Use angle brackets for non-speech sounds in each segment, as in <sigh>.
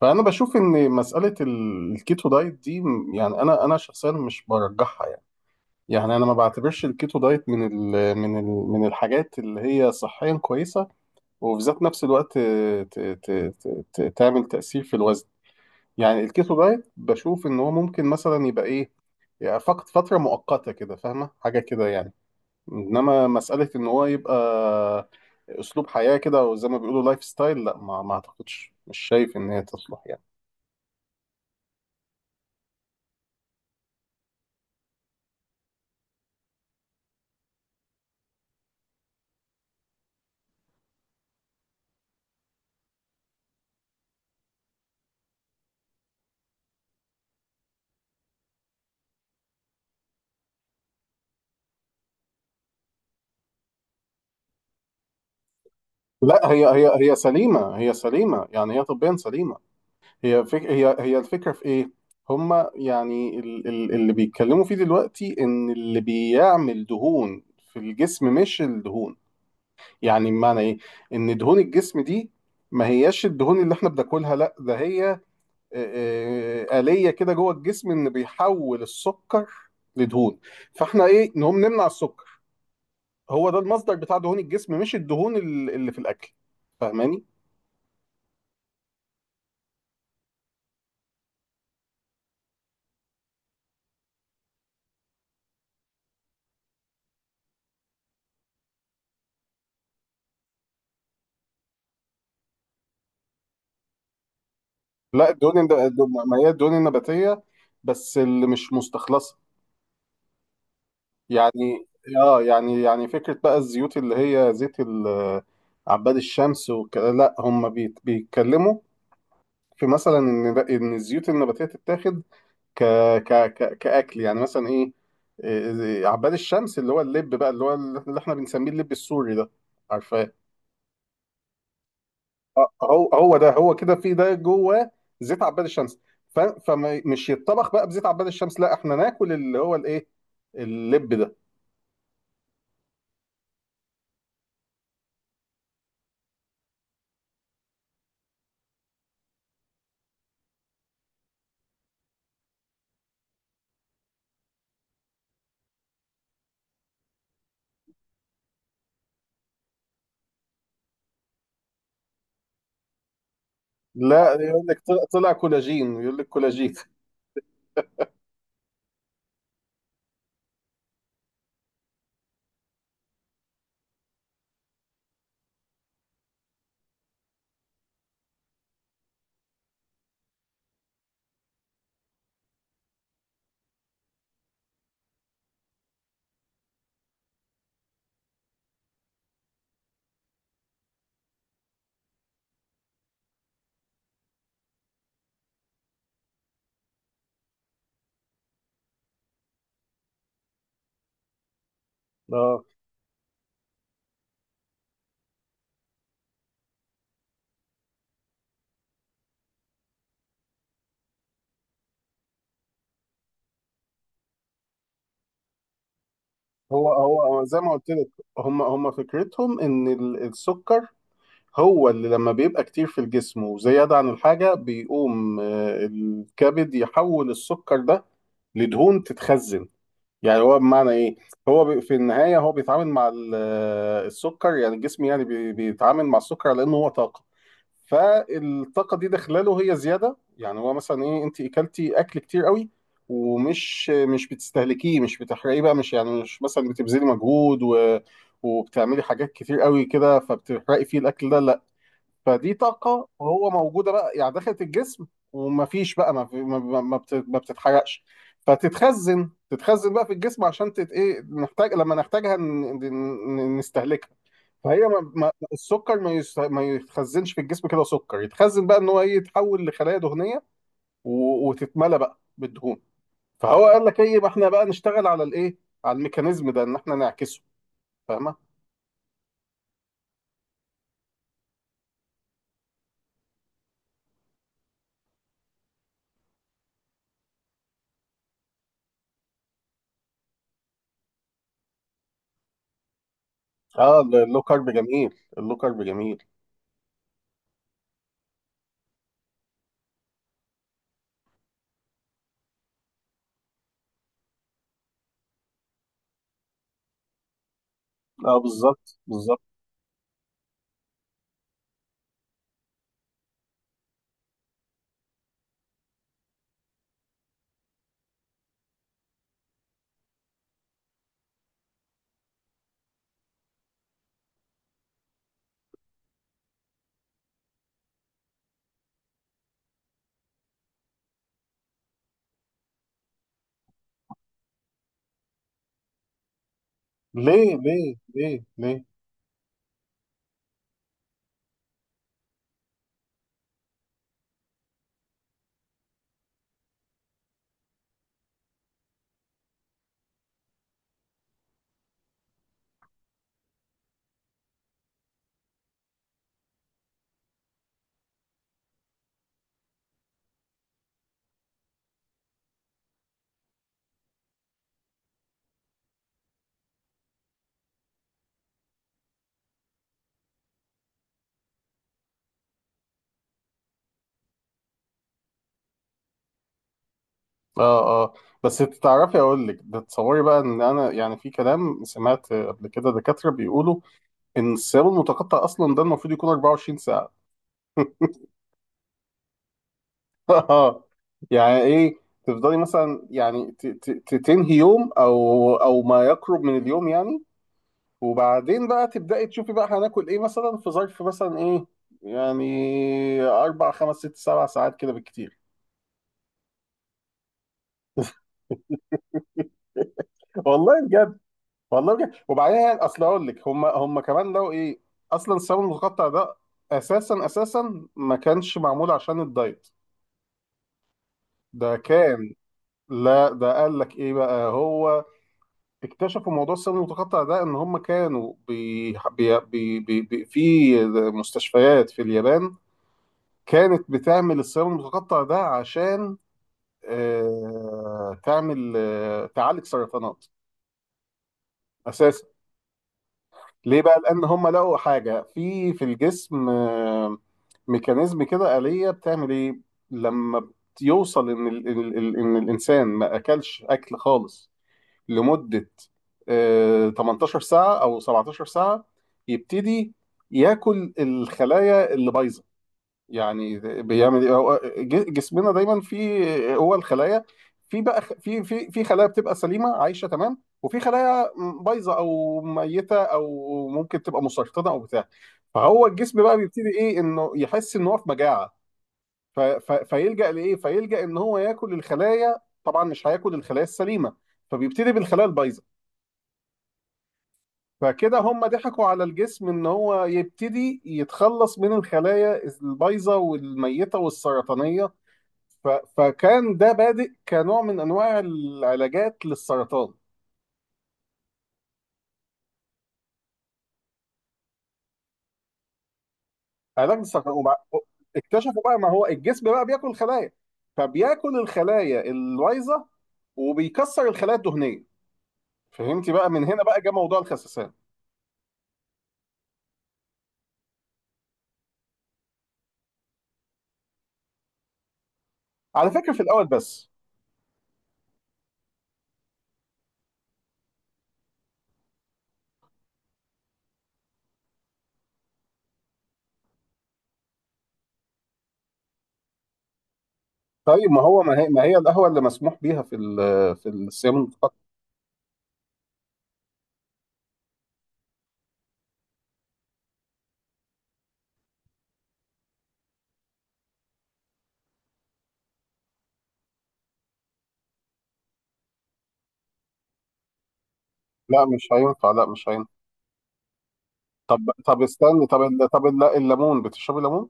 فانا بشوف ان مساله الكيتو دايت دي يعني انا شخصيا مش برجحها يعني. يعني انا ما بعتبرش الكيتو دايت من الحاجات اللي هي صحيا كويسه، وفي ذات نفس الوقت ت ت ت ت تعمل تاثير في الوزن. يعني الكيتو دايت بشوف ان هو ممكن مثلا يبقى ايه، يعني فقط فتره مؤقته كده، فاهمه حاجه كده يعني. انما مساله ان هو يبقى اسلوب حياه كده، او زي ما بيقولوا لايف ستايل، لا ما اعتقدش، مش شايف ان هي تصلح يعني. لا، هي سليمة، هي سليمة، يعني هي طبيا سليمة. هي فك هي هي الفكرة في ايه؟ هما يعني اللي بيتكلموا فيه دلوقتي ان اللي بيعمل دهون في الجسم مش الدهون. يعني بمعنى ايه؟ ان دهون الجسم دي ما هياش الدهون اللي احنا بناكلها، لا ده هي آلية كده جوه الجسم، ان بيحول السكر لدهون. فاحنا ايه، نقوم نمنع السكر. هو ده المصدر بتاع دهون الجسم، مش الدهون اللي في الاكل. فاهماني؟ لا الدهون ما هي الدهون النباتية، بس اللي مش مستخلصة. يعني اه، يعني فكرة بقى الزيوت اللي هي زيت عباد الشمس وكده، لا هم بيتكلموا في مثلا ان ان الزيوت النباتية تتاخد ك ك ك كأكل، يعني مثلا ايه، إيه، عباد الشمس اللي هو اللب بقى، اللي هو اللي احنا بنسميه اللب السوري ده، عارفة؟ هو ده، هو كده في ده جوه زيت عباد الشمس. فمش يتطبخ بقى بزيت عباد الشمس، لا احنا ناكل اللي هو الايه، اللب ده. لا، يقول لك طلع كولاجين، يقول لك كولاجين. اه، هو زي ما قلت لك، هم فكرتهم ان السكر هو اللي لما بيبقى كتير في الجسم وزيادة عن الحاجة بيقوم الكبد يحول السكر ده لدهون تتخزن. يعني هو بمعنى ايه، هو في النهايه هو بيتعامل مع السكر، يعني الجسم يعني بيتعامل مع السكر على انه هو طاقه. فالطاقه دي داخله له هي زياده، يعني هو مثلا ايه، انت اكلتي اكل كتير قوي ومش مش بتستهلكيه، مش بتحرقيه بقى، مش يعني مش مثلا بتبذلي مجهود وبتعملي حاجات كتير قوي كده فبتحرقي فيه الاكل ده، لا. فدي طاقة وهو موجودة بقى، يعني دخلت الجسم، ومفيش بقى ما, في ما, ما ما بت- ما بتتحرقش. فتتخزن بقى في الجسم، عشان ايه، نحتاج لما نحتاجها نستهلكها. فهي ما السكر ما يتخزنش في الجسم كده، سكر يتخزن بقى ان هو ايه، يتحول لخلايا دهنية وتتملى بقى بالدهون. فهو قال لك ايه، ما احنا بقى نشتغل على الايه، على الميكانيزم ده ان احنا نعكسه. فاهمة؟ اه، اللو كارب جميل، اللو كارب جميل. اه، بالظبط بالظبط. ليه ليه ليه ليه؟ اه اه. بس تعرفي اقول لك تتصوري بقى ان انا يعني، في كلام سمعت قبل كده دكاتره بيقولوا ان الصيام المتقطع اصلا ده المفروض يكون 24 ساعه. <laughs> اه. يعني ايه، تفضلي مثلا يعني تنهي يوم، او ما يقرب من اليوم يعني، وبعدين بقى تبداي تشوفي بقى هناكل ايه، مثلا في ظرف مثلا ايه، يعني 4 5 6 7 ساعات كده بالكتير. <laughs> والله والله بجد. وبعدين يعني اصل اقول لك، هم كمان لو ايه، اصلا الصابون المتقطع ده اساسا ما كانش معمول عشان الدايت، ده كان، لا ده قال لك ايه بقى هو، اكتشفوا موضوع الصابون المتقطع ده ان هم كانوا بي بي بي بي بي في مستشفيات في اليابان كانت بتعمل الصابون المتقطع ده عشان آه تعمل آه تعالج سرطانات اساسا. ليه بقى؟ لان هم لقوا حاجه في الجسم، ميكانيزم كده آلية بتعمل ايه لما يوصل ان ال ال ال ان الانسان ما اكلش اكل خالص لمده 18 ساعه او 17 ساعه، يبتدي ياكل الخلايا اللي بايظه. يعني بيعمل ايه، هو جسمنا دايما فيه هو الخلايا، في بقى في خلايا بتبقى سليمه عايشه تمام، وفي خلايا بايظه او ميته او ممكن تبقى مسرطنه او بتاع. فهو الجسم بقى بيبتدي ايه انه يحس ان هو في مجاعه، فيلجأ لايه، فيلجأ ان هو ياكل الخلايا. طبعا مش هياكل الخلايا السليمه، فبيبتدي بالخلايا البايظه، فكده هم ضحكوا على الجسم ان هو يبتدي يتخلص من الخلايا البايظه والميته والسرطانيه. فكان ده بادئ كنوع من انواع العلاجات للسرطان. علاج السرطان اكتشفوا بقى ما هو الجسم بقى بياكل خلايا، فبياكل الخلايا الوايظه وبيكسر الخلايا الدهنيه. فهمتي؟ بقى من هنا بقى جه موضوع الخسسان على فكره، في الاول بس. طيب ما هي القهوه اللي مسموح بيها في في الصيام المتقطع؟ لا مش هينفع، لا مش هينفع. طب استني، طب الليمون، بتشربي ليمون؟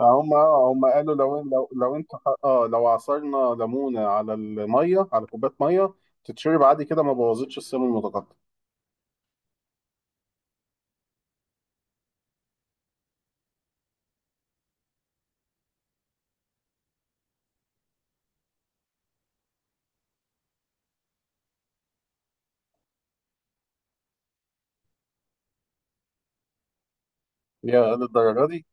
هم قالوا لو لو لو انت اه لو عصرنا ليمونه على الميه، على كوبايه ميه، تتشرب عادي كده، ما بوظتش السم المتقطع. يا للدرجه دي